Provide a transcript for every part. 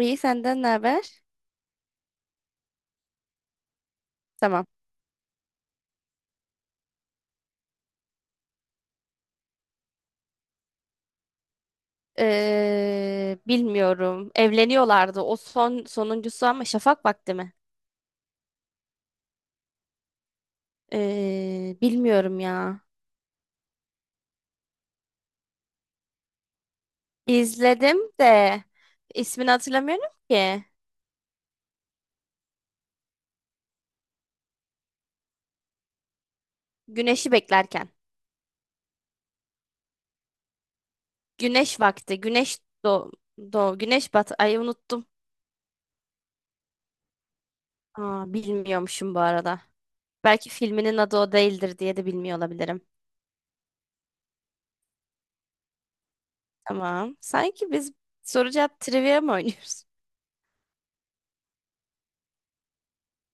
İyi, senden ne haber? Tamam. Bilmiyorum. Evleniyorlardı. O son, sonuncusu ama şafak vakti mi? Bilmiyorum ya. İzledim de ismini hatırlamıyorum ki. Güneşi beklerken. Güneş vakti. Güneş doğ doğ güneş batı. Ay, unuttum. Aa, bilmiyormuşum bu arada. Belki filminin adı o değildir diye de bilmiyor olabilirim. Tamam. Sanki biz soru cevap trivia mı oynuyoruz?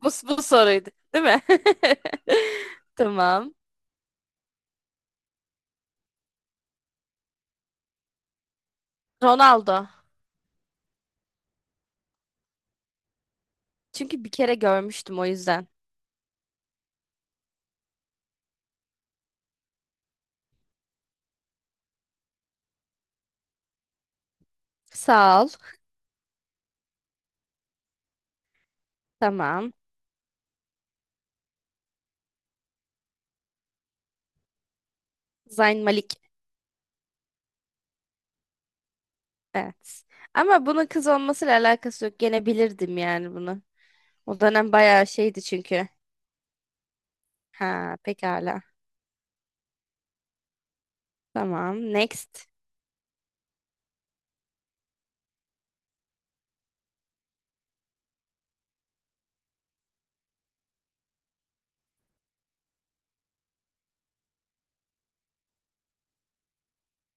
Bu, bu soruydu, değil mi? Tamam. Ronaldo. Çünkü bir kere görmüştüm, o yüzden. Sağ ol. Tamam. Zayn Malik. Evet. Ama bunun kız olmasıyla alakası yok. Gene bilirdim yani bunu. O dönem bayağı şeydi çünkü. Ha, pekala. Tamam. Next.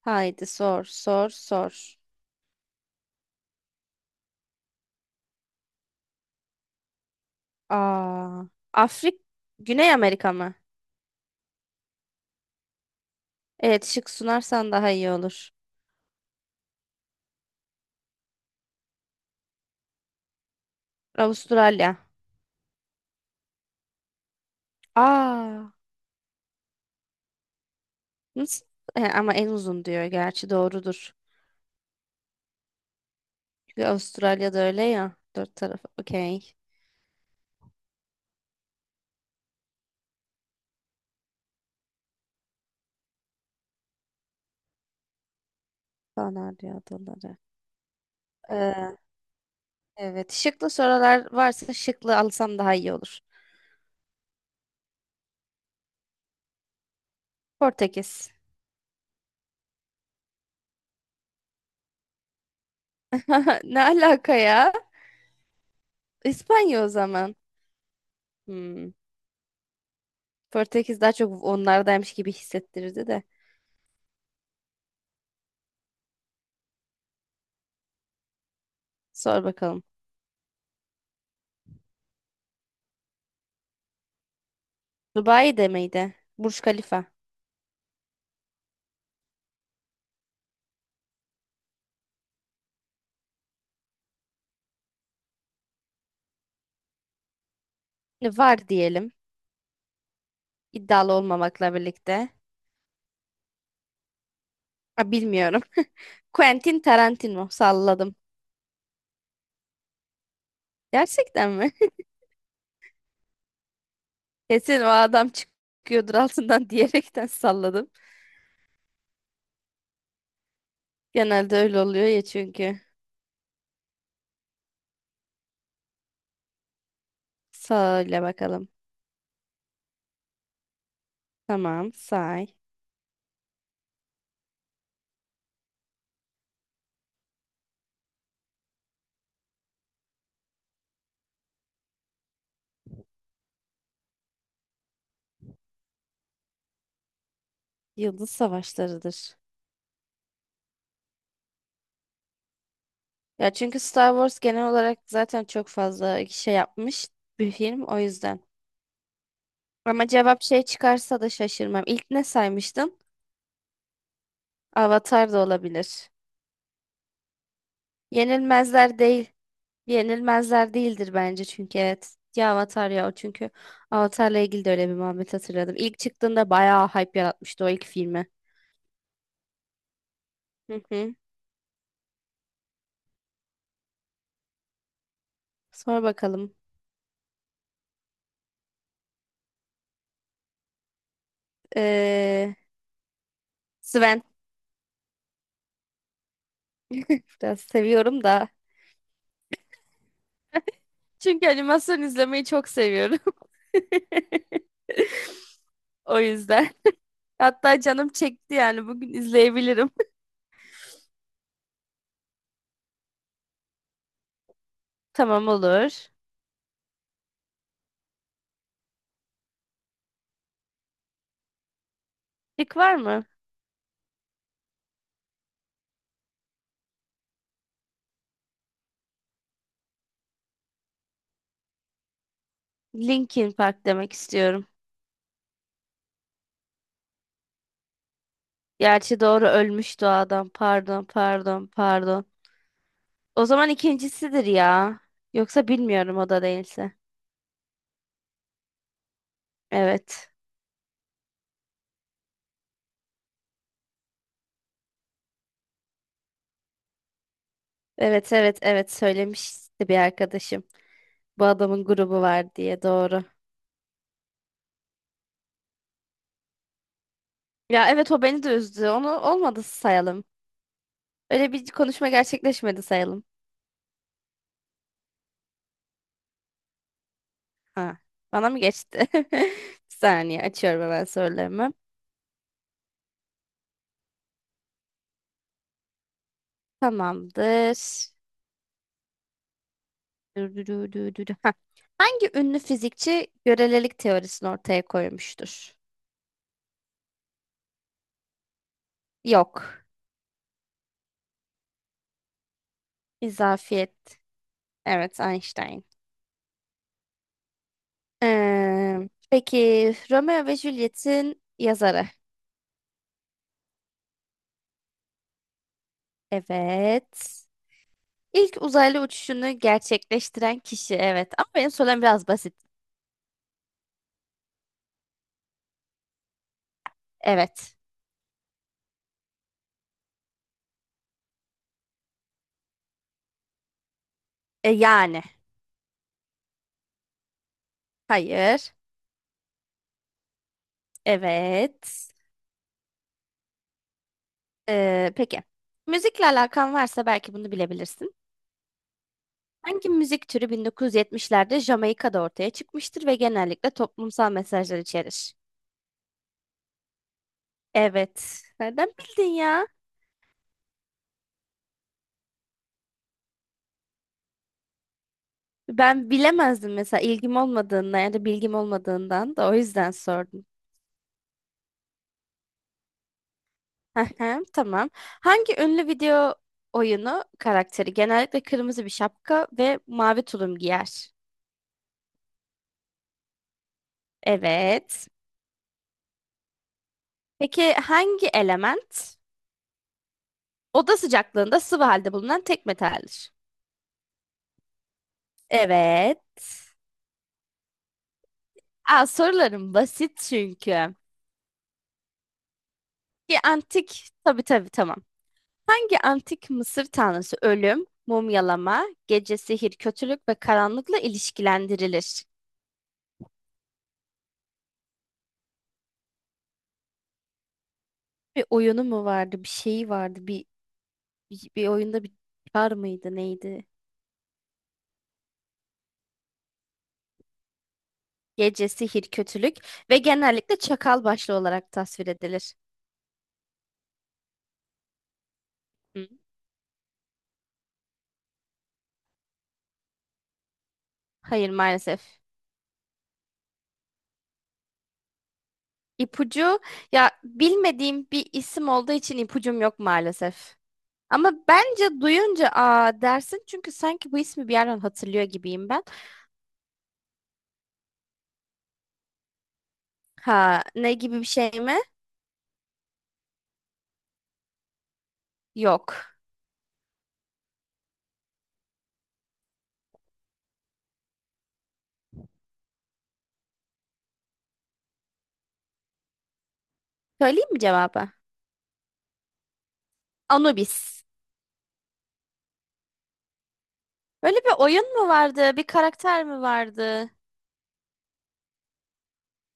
Haydi sor, sor, sor. Aa, Afrik, Güney Amerika mı? Evet, şık sunarsan daha iyi olur. Avustralya. Aa. Nasıl? E, ama en uzun diyor. Gerçi doğrudur. Çünkü Avustralya'da öyle ya. Dört tarafı. Okey. Kanarya adaları. Ee, evet. Şıklı sorular varsa şıklı alsam daha iyi olur. Portekiz. Ne alaka ya? İspanya o zaman. Hmm. Portekiz daha çok onlardaymış gibi hissettirirdi de. Sor bakalım. Dubai de miydi? Burj Khalifa. Var diyelim. İddialı olmamakla birlikte. Ha, bilmiyorum. Quentin Tarantino. Salladım. Gerçekten mi? Kesin o adam çıkıyordur altından diyerekten salladım. Genelde öyle oluyor ya çünkü. Söyle bakalım. Tamam, say. Yıldız Savaşları'dır. Ya çünkü Star Wars genel olarak zaten çok fazla şey yapmış bir film, o yüzden. Ama cevap şey çıkarsa da şaşırmam. İlk ne saymıştın? Avatar da olabilir. Yenilmezler değil. Yenilmezler değildir bence çünkü evet. Ya Avatar ya o çünkü Avatar'la ilgili de öyle bir muhabbet hatırladım. İlk çıktığında bayağı hype yaratmıştı o ilk filmi. Hı hı. Sonra bakalım. Ee, Sven biraz seviyorum da. Çünkü animasyon izlemeyi çok seviyorum. O yüzden. Hatta canım çekti, yani bugün izleyebilirim. Tamam, olur. Lik var mı? Linkin Park demek istiyorum. Gerçi doğru, ölmüş o adam. Pardon, pardon, pardon. O zaman ikincisidir ya. Yoksa bilmiyorum, o da değilse. Evet. Evet, evet, evet, söylemişti bir arkadaşım. Bu adamın grubu var diye, doğru. Ya evet, o beni de üzdü. Onu olmadı sayalım. Öyle bir konuşma gerçekleşmedi sayalım. Ha, bana mı geçti? Bir saniye, açıyorum hemen sorularımı. Tamamdır. Dü dü dü dü dü dü. Ha. Hangi ünlü fizikçi görelilik teorisini ortaya koymuştur? Yok. İzafiyet. Evet, Einstein. Peki, Romeo ve Juliet'in yazarı. Evet. İlk uzaylı uçuşunu gerçekleştiren kişi. Evet. Ama benim sorum biraz basit. Evet. E, yani. Hayır. Evet. Peki. Müzikle alakan varsa belki bunu bilebilirsin. Hangi müzik türü 1970'lerde Jamaika'da ortaya çıkmıştır ve genellikle toplumsal mesajlar içerir? Evet. Nereden bildin ya? Ben bilemezdim mesela, ilgim olmadığından ya da bilgim olmadığından, da o yüzden sordum. Ahem, tamam. Hangi ünlü video oyunu karakteri genellikle kırmızı bir şapka ve mavi tulum giyer? Evet. Peki hangi element oda sıcaklığında sıvı halde bulunan tek metaldir? Evet. Aa, sorularım basit çünkü. Ki antik, tabii tabii, tamam. Hangi antik Mısır tanrısı ölüm, mumyalama, gece sihir, kötülük ve karanlıkla ilişkilendirilir? Bir oyunu mu vardı, bir şeyi vardı, bir oyunda bir var mıydı, neydi? Gece sihir, kötülük ve genellikle çakal başlı olarak tasvir edilir. Hı. Hayır, maalesef. İpucu ya, bilmediğim bir isim olduğu için ipucum yok maalesef. Ama bence duyunca aa dersin, çünkü sanki bu ismi bir yerden hatırlıyor gibiyim ben. Ha, ne gibi bir şey mi? Yok. Söyleyeyim mi cevabı? Anubis. Böyle bir oyun mu vardı? Bir karakter mi vardı?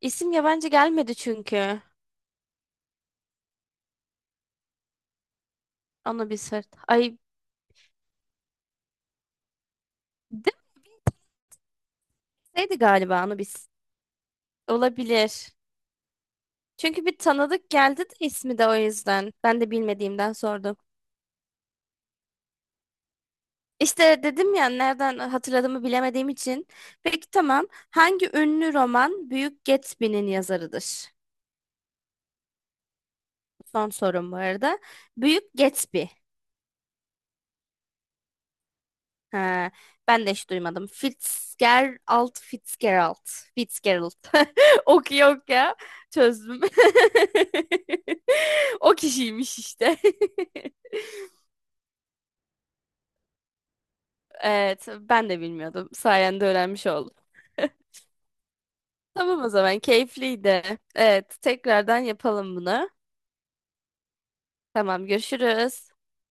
İsim yabancı gelmedi çünkü. Anubis. Harit- Ay demeseydi galiba Anubis. Olabilir. Çünkü bir tanıdık geldi de ismi, de o yüzden. Ben de bilmediğimden sordum. İşte dedim ya, nereden hatırladığımı bilemediğim için. Peki tamam. Hangi ünlü roman Büyük Gatsby'nin yazarıdır? Son sorum bu arada. Büyük Gatsby. He, ben de hiç duymadım. Fitzgerald, Fitzgerald, Fitzgerald. Ok yok ya. Çözdüm. O kişiymiş işte. Evet, ben de bilmiyordum. Sayende öğrenmiş oldum. Tamam, o zaman keyifliydi. Evet, tekrardan yapalım bunu. Tamam, görüşürüz.